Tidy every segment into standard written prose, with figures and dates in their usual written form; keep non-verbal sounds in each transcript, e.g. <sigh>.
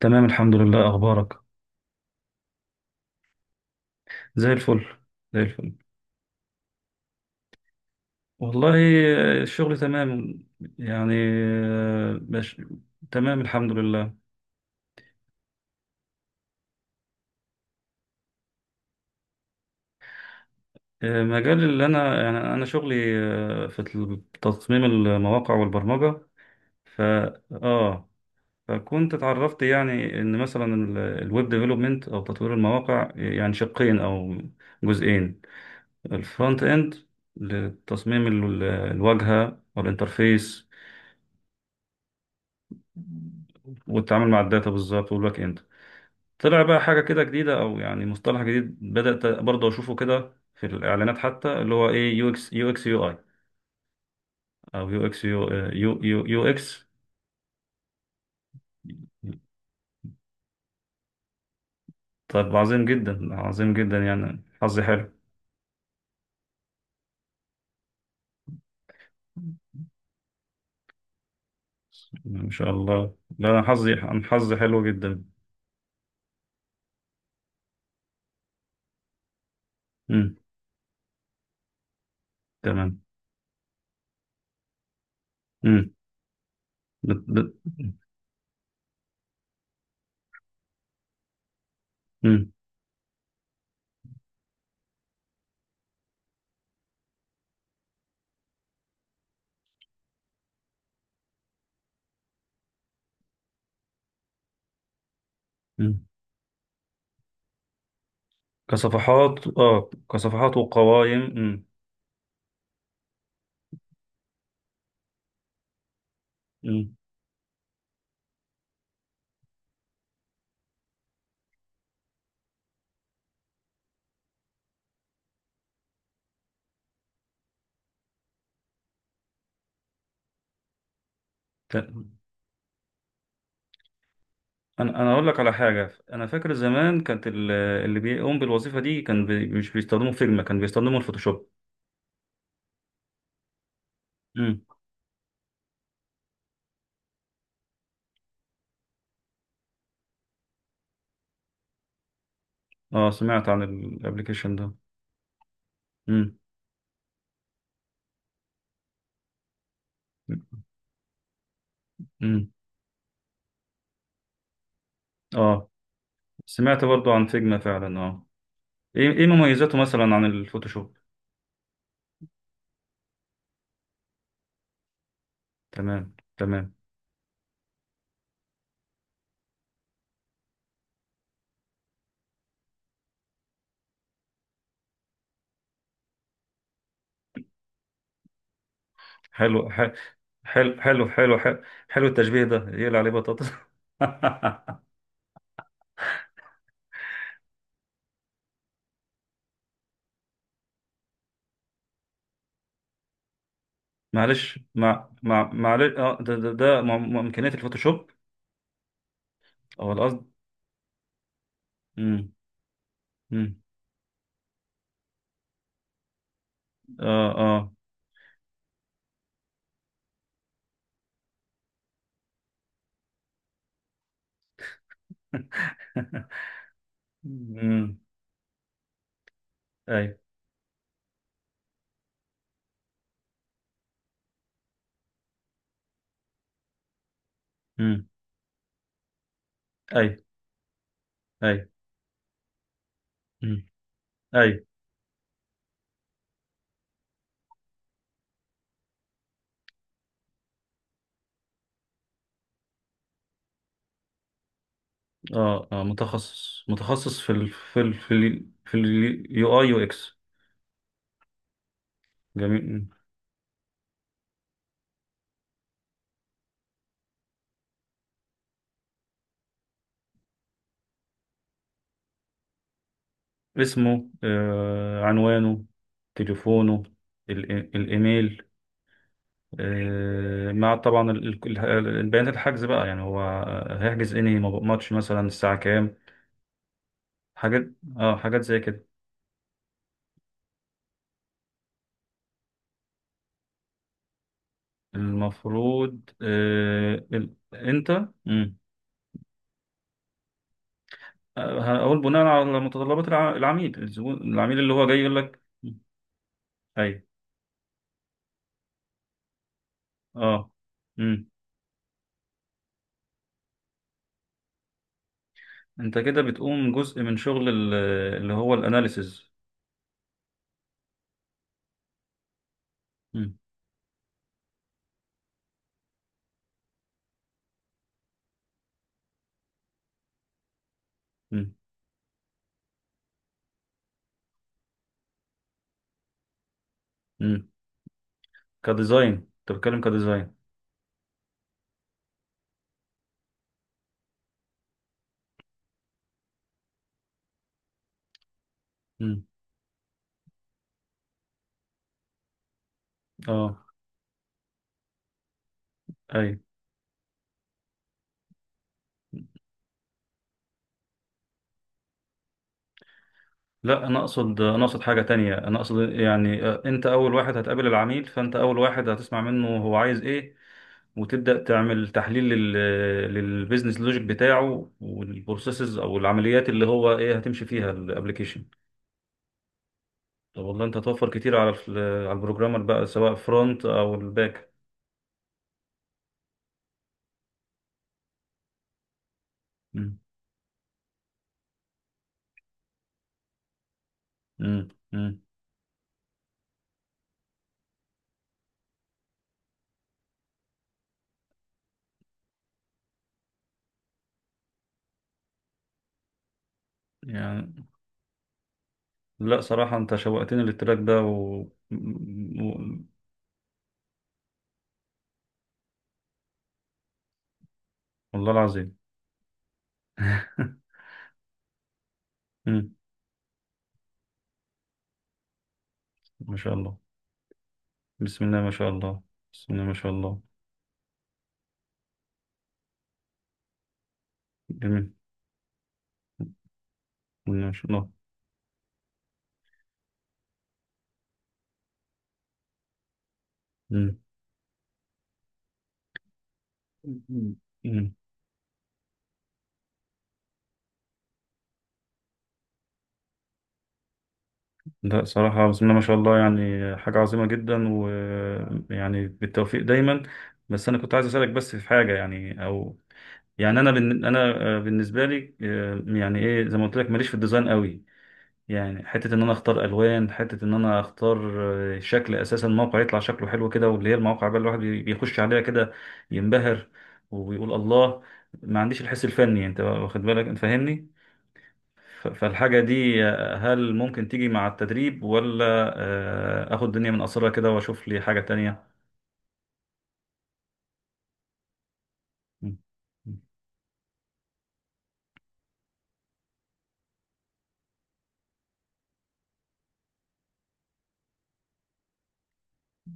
تمام، الحمد لله. أخبارك؟ زي الفل، زي الفل. والله. آه، الشغل تمام. يعني باش. تمام، الحمد لله. آه، مجال اللي أنا، يعني أنا شغلي، في تصميم المواقع والبرمجة. ف آه فكنت اتعرفت، يعني إن مثلا الويب ديفلوبمنت أو تطوير المواقع، يعني شقين أو جزئين. الفرونت إند، لتصميم الواجهة والإنترفيس. والتعامل مع الداتا بالظبط، والباك اند. طلع بقى حاجه كده جديده، او يعني مصطلح جديد بدات برضه اشوفه كده في الاعلانات، حتى اللي هو ايه، يو اكس، يو اي، او يو اكس، يو اكس. طب، عظيم جدا، عظيم جدا، يعني حظي حلو. ما شاء الله. لا، انا حظي حلو جدا. امم. تمام. امم. بت- بت- امم. امم. كصفحات وقوائم. امم. امم. انا اقول لك على حاجه، انا فاكر زمان كانت اللي بيقوم بالوظيفه دي كان مش بيستخدموا فيجما، كان بيستخدموا الفوتوشوب. امم. اه، سمعت عن الابلكيشن ده. امم. امم. اه، سمعت برضو عن فيجما فعلا، اه. ايه، ايه مميزاته مثلا عن الفوتوشوب؟ تمام، تمام. حلو، حلو، حلو، حلو، حلو. حلو التشبيه ده، يقلع عليه بطاطس. <laughs> معلش مع مع معلش. اه ده امكانيات الفوتوشوب. او القصد. امم. امم. اه، آه. امم. اي. امم. اي، اي. امم. اي. اه، اه، متخصص، متخصص في اليو اي يو اكس. جميل. مم. اسمه، آه، عنوانه، تليفونه، الايميل، مع، طبعا، البيانات الحجز بقى، يعني هو هيحجز انهي ماتش مثلا، الساعة كام. حاجات. اه، حاجات زي كده. المفروض انت. مم. آه، هقول بناء على متطلبات العميل، الزبون، العميل اللي هو جاي يقول لك. ايوه. اه. امم. انت كده بتقوم جزء من شغل اللي هو الاناليسز. امم. امم. امم. كديزاين، انت بتتكلم كديزاين؟ امم. اه، ايوه. لا، انا اقصد حاجه تانية، انا اقصد يعني انت اول واحد هتقابل العميل، فانت اول واحد هتسمع منه هو عايز ايه. وتبدا تعمل تحليل للبيزنس لوجيك بتاعه، والبروسيسز او العمليات اللي هو ايه هتمشي فيها الابلكيشن. طب، والله انت توفر كتير على البروجرامر بقى، سواء فرونت او الباك. مم. مم. مم. يعني. لا صراحة انت شوقتني للتراك ده. و... والله العظيم. <laughs> مم. ما شاء الله. بسم الله ما شاء الله. بسم الله ما شاء الله. جميل. بسم الله ما شاء الله. مم. مم. لا صراحة، بسم الله ما شاء الله، يعني حاجة عظيمة جدا، ويعني بالتوفيق دايما. بس أنا كنت عايز أسألك، بس في حاجة، يعني، أو يعني أنا أنا بالنسبة لي، يعني إيه، زي ما قلت لك ماليش في الديزاين قوي. يعني حتة إن أنا أختار ألوان، حتة إن أنا أختار شكل أساسا الموقع يطلع شكله حلو كده، واللي هي المواقع بقى، الواحد بيخش عليها كده، ينبهر، ويقول الله. ما عنديش الحس الفني. أنت واخد بالك؟ أنت فاهمني؟ فالحاجة دي، هل ممكن تيجي مع التدريب، ولا اخد الدنيا من قصرها كده، واشوف لي حاجة تانية؟ مم. مم.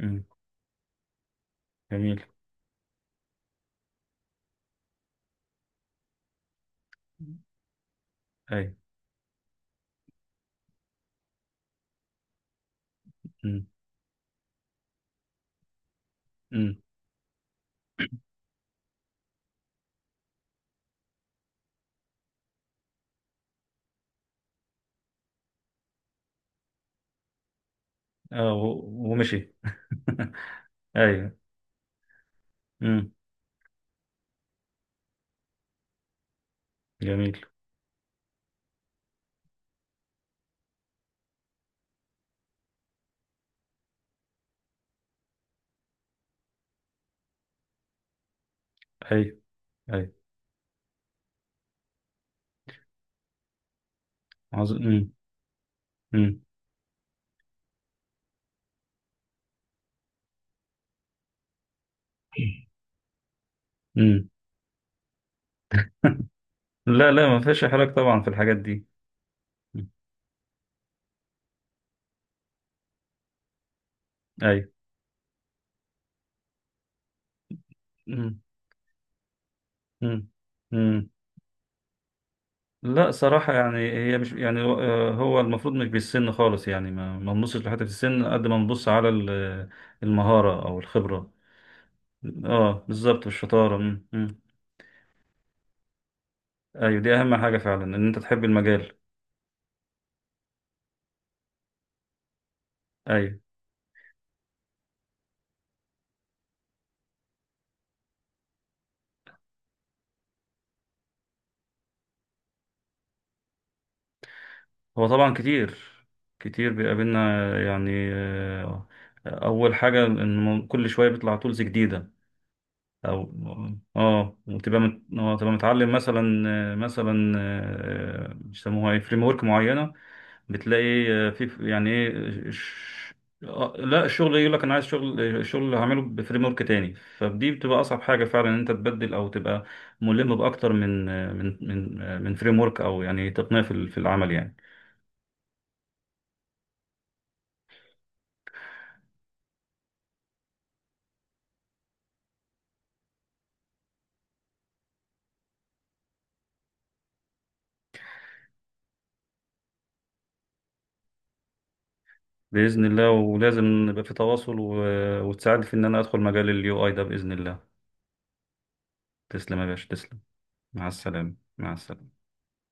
مم. جميل. اي. مم. مم. اه، ومشي. <laughs> ايوه. مم. جميل. اي، اي. مم. مم. مم. <laughs> لا، لا، ما فيش حرج طبعا في الحاجات دي. مم. اي. مم. مم. مم. لا صراحة، يعني هي مش، يعني هو المفروض مش بالسن خالص، يعني ما نبصش لحتة السن قد ما نبص على المهارة أو الخبرة. اه، بالظبط، الشطارة. مم، مم. أيوة، دي أهم حاجة فعلا، إن أنت تحب المجال. أيوة. هو طبعا كتير، كتير بيقابلنا. يعني، أول حاجة إن كل شوية بيطلع تولز جديدة، أو وتبقى مت... آه، تبقى متعلم مثلا، مثلا بيسموها ايه، فريم ورك معينة. بتلاقي في، يعني ايه، لا الشغل يقول لك انا عايز شغل، شغل هعمله بفريم ورك تاني، فدي بتبقى اصعب حاجه فعلا، ان انت تبدل او تبقى ملم باكتر من، من فريم ورك، او يعني تقنيه في في العمل، يعني. باذن الله. ولازم نبقى في تواصل، وتساعد في ان انا ادخل مجال اليو اي ده باذن الله. تسلم يا باشا، تسلم. مع السلامه، مع السلامه.